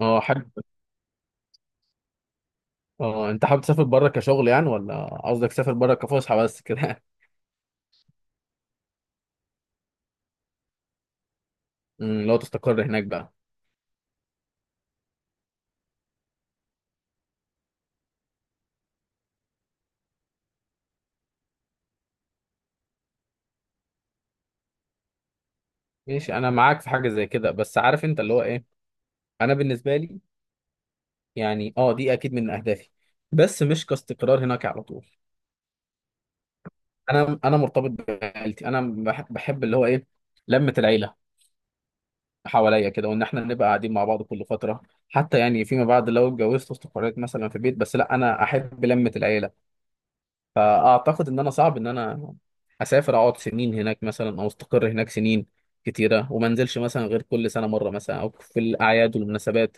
اه حابب. اه، انت حابب تسافر بره كشغل، يعني ولا قصدك تسافر بره كفسحه بس كده؟ لو تستقر هناك بقى. ماشي، انا معاك في حاجه زي كده، بس عارف انت اللي هو ايه. انا بالنسبه لي، يعني اه دي اكيد من اهدافي، بس مش كاستقرار هناك على طول. انا مرتبط بعائلتي، انا بحب اللي هو ايه، لمه العيله حواليا كده، وان احنا نبقى قاعدين مع بعض كل فتره. حتى يعني فيما بعد لو اتجوزت واستقريت مثلا في بيت، بس لا انا احب لمه العيله. فاعتقد ان انا صعب ان انا اسافر، اقعد سنين هناك مثلا، او استقر هناك سنين كتيره، وما انزلش مثلا غير كل سنه مره مثلا، او في الاعياد والمناسبات.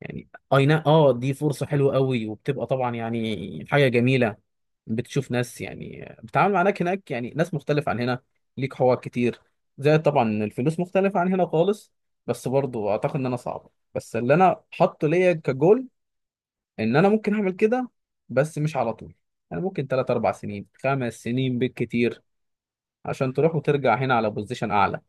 يعني اي نعم، اه دي فرصه حلوه قوي، وبتبقى طبعا يعني حاجه جميله، بتشوف ناس، يعني بتتعامل مع ناس هناك، يعني ناس مختلفه عن هنا، ليك حوار كتير، زي طبعا الفلوس مختلفه عن هنا خالص. بس برضو اعتقد ان انا صعب، بس اللي انا حاطه ليا كجول ان انا ممكن اعمل كده، بس مش على طول. انا ممكن 3، 4 سنين، 5 سنين بالكتير، عشان تروح وترجع هنا على بوزيشن اعلى.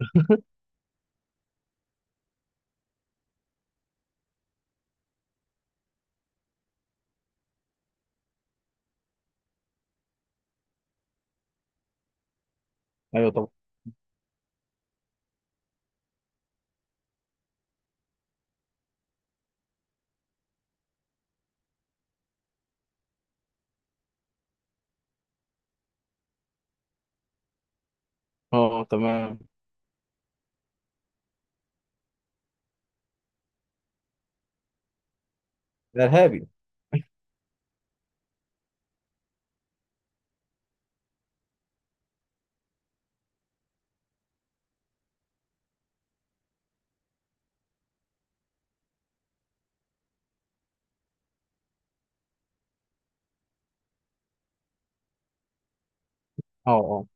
ايوه طبعا. اه تمام. ارهابي. اه، اه،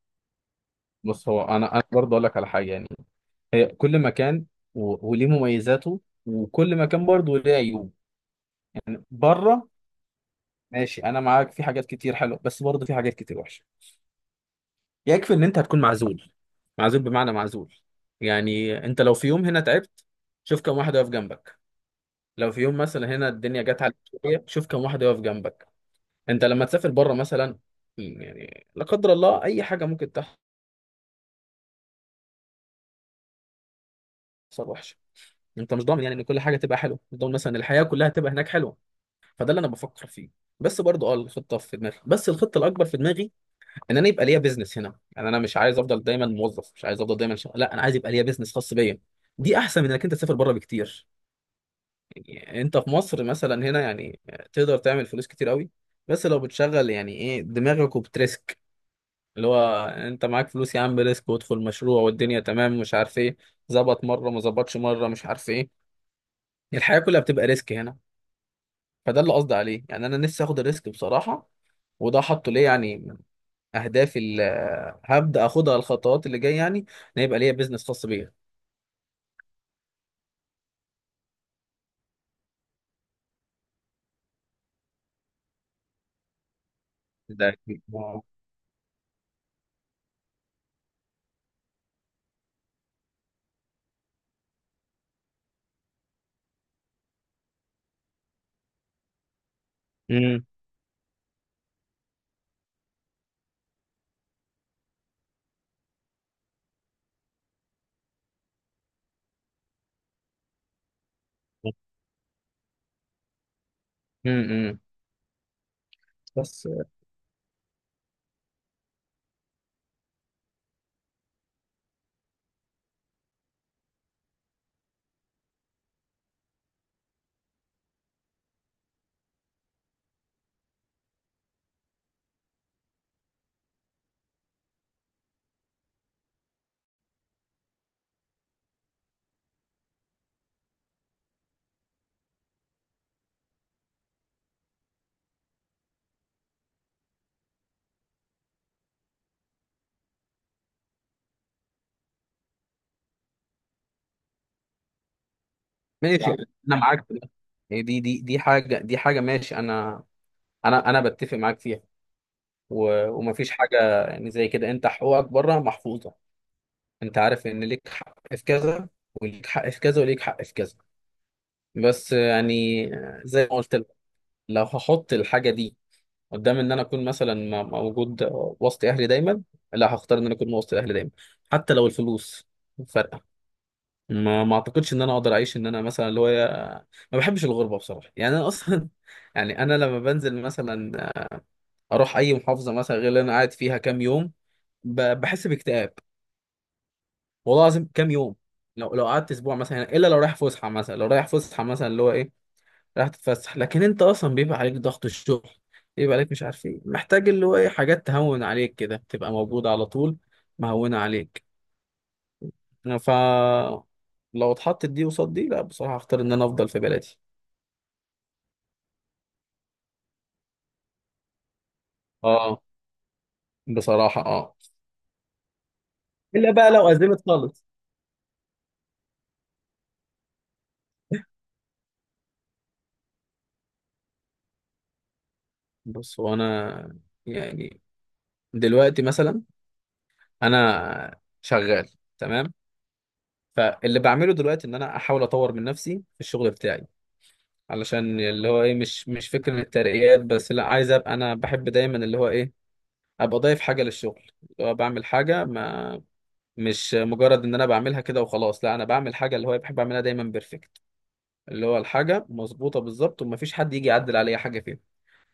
بص هو انا برضه اقول لك على حاجه، يعني هي كل مكان، و... وليه مميزاته، وكل مكان برضه ليه عيوب، يعني بره. ماشي، انا معاك في حاجات كتير حلوه، بس برضه في حاجات كتير وحشه، يكفي ان انت هتكون معزول، معزول بمعنى معزول. يعني انت لو في يوم هنا تعبت، شوف كم واحد واقف جنبك. لو في يوم مثلا هنا الدنيا جت عليك شويه، شوف كم واحد يقف جنبك. انت لما تسافر بره مثلا، يعني لا قدر الله اي حاجه ممكن تحصل وحشه، انت مش ضامن يعني ان كل حاجه تبقى حلوه، مش ضامن مثلا الحياه كلها تبقى هناك حلوه. فده اللي انا بفكر فيه. بس برضه اه الخطه في دماغي، بس الخطه الاكبر في دماغي ان انا يبقى ليا بيزنس هنا. يعني انا مش عايز افضل دايما موظف، مش عايز افضل دايما شغال، لا انا عايز يبقى ليا بيزنس خاص بيا. دي احسن من انك انت تسافر بره بكتير. يعني انت في مصر مثلا هنا، يعني تقدر تعمل فلوس كتير قوي، بس لو بتشغل يعني ايه دماغك وبتريسك، اللي هو انت معاك فلوس يا عم، ريسك وادخل مشروع والدنيا تمام مش عارف ايه، ظبط مره ما ظبطش مره مش عارف ايه، الحياه كلها بتبقى ريسك هنا. فده اللي قصدي عليه، يعني انا نفسي اخد الريسك بصراحه، وده حاطه ليه يعني من اهدافي اللي هبدا اخدها الخطوات اللي جايه، يعني ان يبقى ليا بيزنس خاص بيا. ده أكيد. آه. امم. امم. أمم. بس ماشي يعني انا معاك في ده. يعني دي حاجه ماشي، انا بتفق معاك فيها. و- ومفيش حاجه يعني زي كده، انت حقوقك بره محفوظه، انت عارف ان ليك حق في كذا، وليك حق في كذا، وليك حق في كذا. بس يعني زي ما قلت لك، لو هحط الحاجه دي قدام ان انا اكون مثلا موجود وسط اهلي دايما، لا هختار ان انا اكون وسط اهلي دايما، حتى لو الفلوس فرق. ما اعتقدش ان انا اقدر اعيش ان انا مثلا اللي هو، ما بحبش الغربه بصراحه، يعني انا اصلا يعني انا لما بنزل مثلا اروح اي محافظه مثلا غير اللي انا قاعد فيها كام يوم، بحس باكتئاب، والله العظيم كام يوم. لو قعدت اسبوع مثلا هنا، الا لو رايح فسحه، مثلا لو رايح فسحه مثلا اللي هو ايه، رايح تتفسح، لكن انت اصلا بيبقى عليك ضغط الشغل، بيبقى عليك مش عارف ايه، محتاج اللي هو ايه حاجات تهون عليك كده تبقى موجوده على طول، مهونه عليك. ف لو اتحطت دي وصاد دي، لا بصراحه هختار ان انا افضل في بلدي. اه، بصراحة اه، الا بقى لو ازمت خالص. بص هو انا يعني دلوقتي مثلا انا شغال، تمام، فاللي بعمله دلوقتي ان انا احاول اطور من نفسي في الشغل بتاعي، علشان اللي هو ايه مش فكرة الترقيات بس، لا عايز ابقى، انا بحب دايما اللي هو ايه، ابقى ضايف حاجة للشغل، اللي هو بعمل حاجة ما، مش مجرد ان انا بعملها كده وخلاص، لا انا بعمل حاجة اللي هو بحب اعملها دايما بيرفكت، اللي هو الحاجة مظبوطة بالظبط، ومفيش حد يجي يعدل عليا حاجة فيها،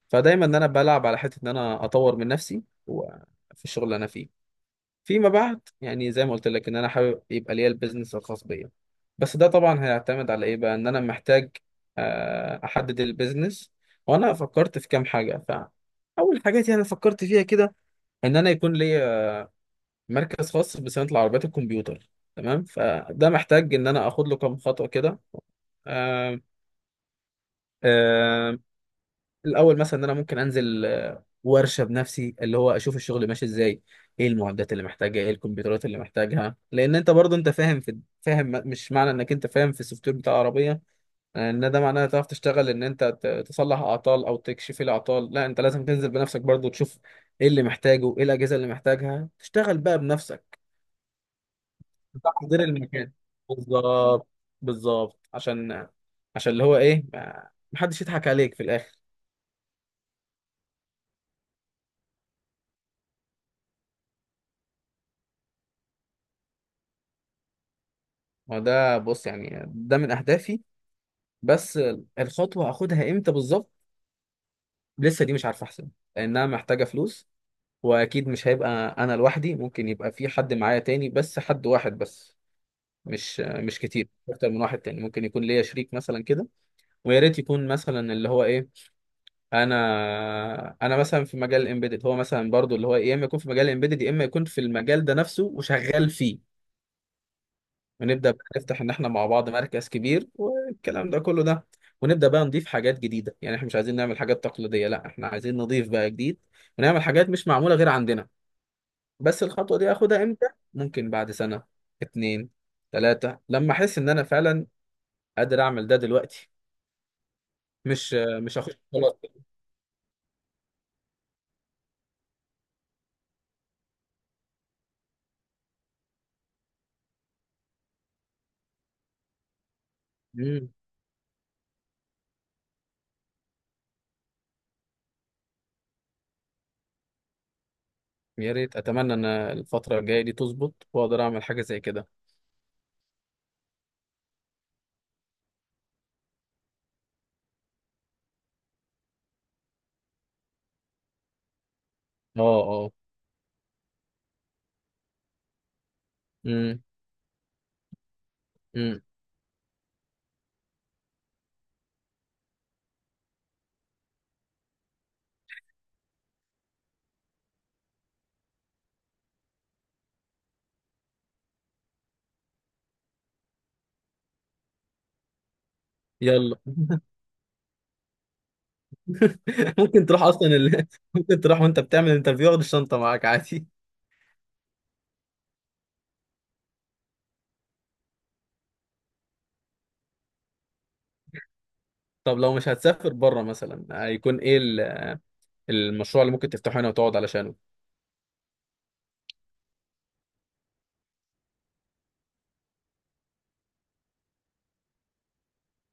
فدايما ان انا بلعب على حته ان انا اطور من نفسي وفي الشغل اللي انا فيه. فيما بعد يعني زي ما قلت لك ان انا حابب يبقى ليا البيزنس الخاص بيا، بس ده طبعا هيعتمد على ايه بقى، ان انا محتاج احدد البيزنس. وانا فكرت في كام حاجه، فاول حاجات يعني فكرت فيها كده ان انا يكون ليا مركز خاص بصيانه العربيات الكمبيوتر. تمام، فده محتاج ان انا اخد له كام خطوه كده، آه، آه، الاول مثلا ان انا ممكن انزل ورشه بنفسي، اللي هو اشوف الشغل ماشي ازاي، ايه المعدات اللي محتاجها، ايه الكمبيوترات اللي محتاجها. لان انت برضه انت فاهم، مش معنى انك انت فاهم في السوفت وير بتاع العربيه ان ده معناه تعرف تشتغل ان انت تصلح اعطال او تكشف الاعطال، لا انت لازم تنزل بنفسك برضه تشوف ايه اللي محتاجه، ايه الاجهزه اللي محتاجها، تشتغل بقى بنفسك، تحضير المكان، بالظبط. بالظبط عشان اللي هو ايه محدش يضحك عليك في الاخر. ما ده، بص يعني ده من اهدافي، بس الخطوة هاخدها امتى بالظبط لسه دي مش عارف، احسن لانها محتاجة فلوس، واكيد مش هيبقى انا لوحدي، ممكن يبقى في حد معايا تاني، بس حد واحد بس، مش كتير اكتر من واحد تاني، ممكن يكون ليا شريك مثلا كده. ويا ريت يكون مثلا اللي هو ايه، انا مثلا في مجال الامبيدد، هو مثلا برضو اللي هو إيه، يا اما يكون في مجال الامبيدد يا اما يكون في المجال ده نفسه وشغال فيه، ونبدأ بقى نفتح إن إحنا مع بعض مركز كبير والكلام ده كله ده، ونبدأ بقى نضيف حاجات جديدة، يعني إحنا مش عايزين نعمل حاجات تقليدية، لا إحنا عايزين نضيف بقى جديد، ونعمل حاجات مش معمولة غير عندنا. بس الخطوة دي آخدها إمتى؟ ممكن بعد سنة، 2، 3، لما أحس إن أنا فعلا قادر أعمل ده دلوقتي، مش مش هخش خلاص. مم. يا ريت، أتمنى إن الفترة الجاية دي تظبط، وأقدر أعمل حاجة زي كده. أه، أه. مم. مم. يلا. ممكن تروح اصلا. ممكن تروح وانت بتعمل انترفيو واخد الشنطه معاك عادي. طب لو مش هتسافر بره مثلا، هيكون ايه المشروع اللي ممكن تفتحه هنا وتقعد علشانه؟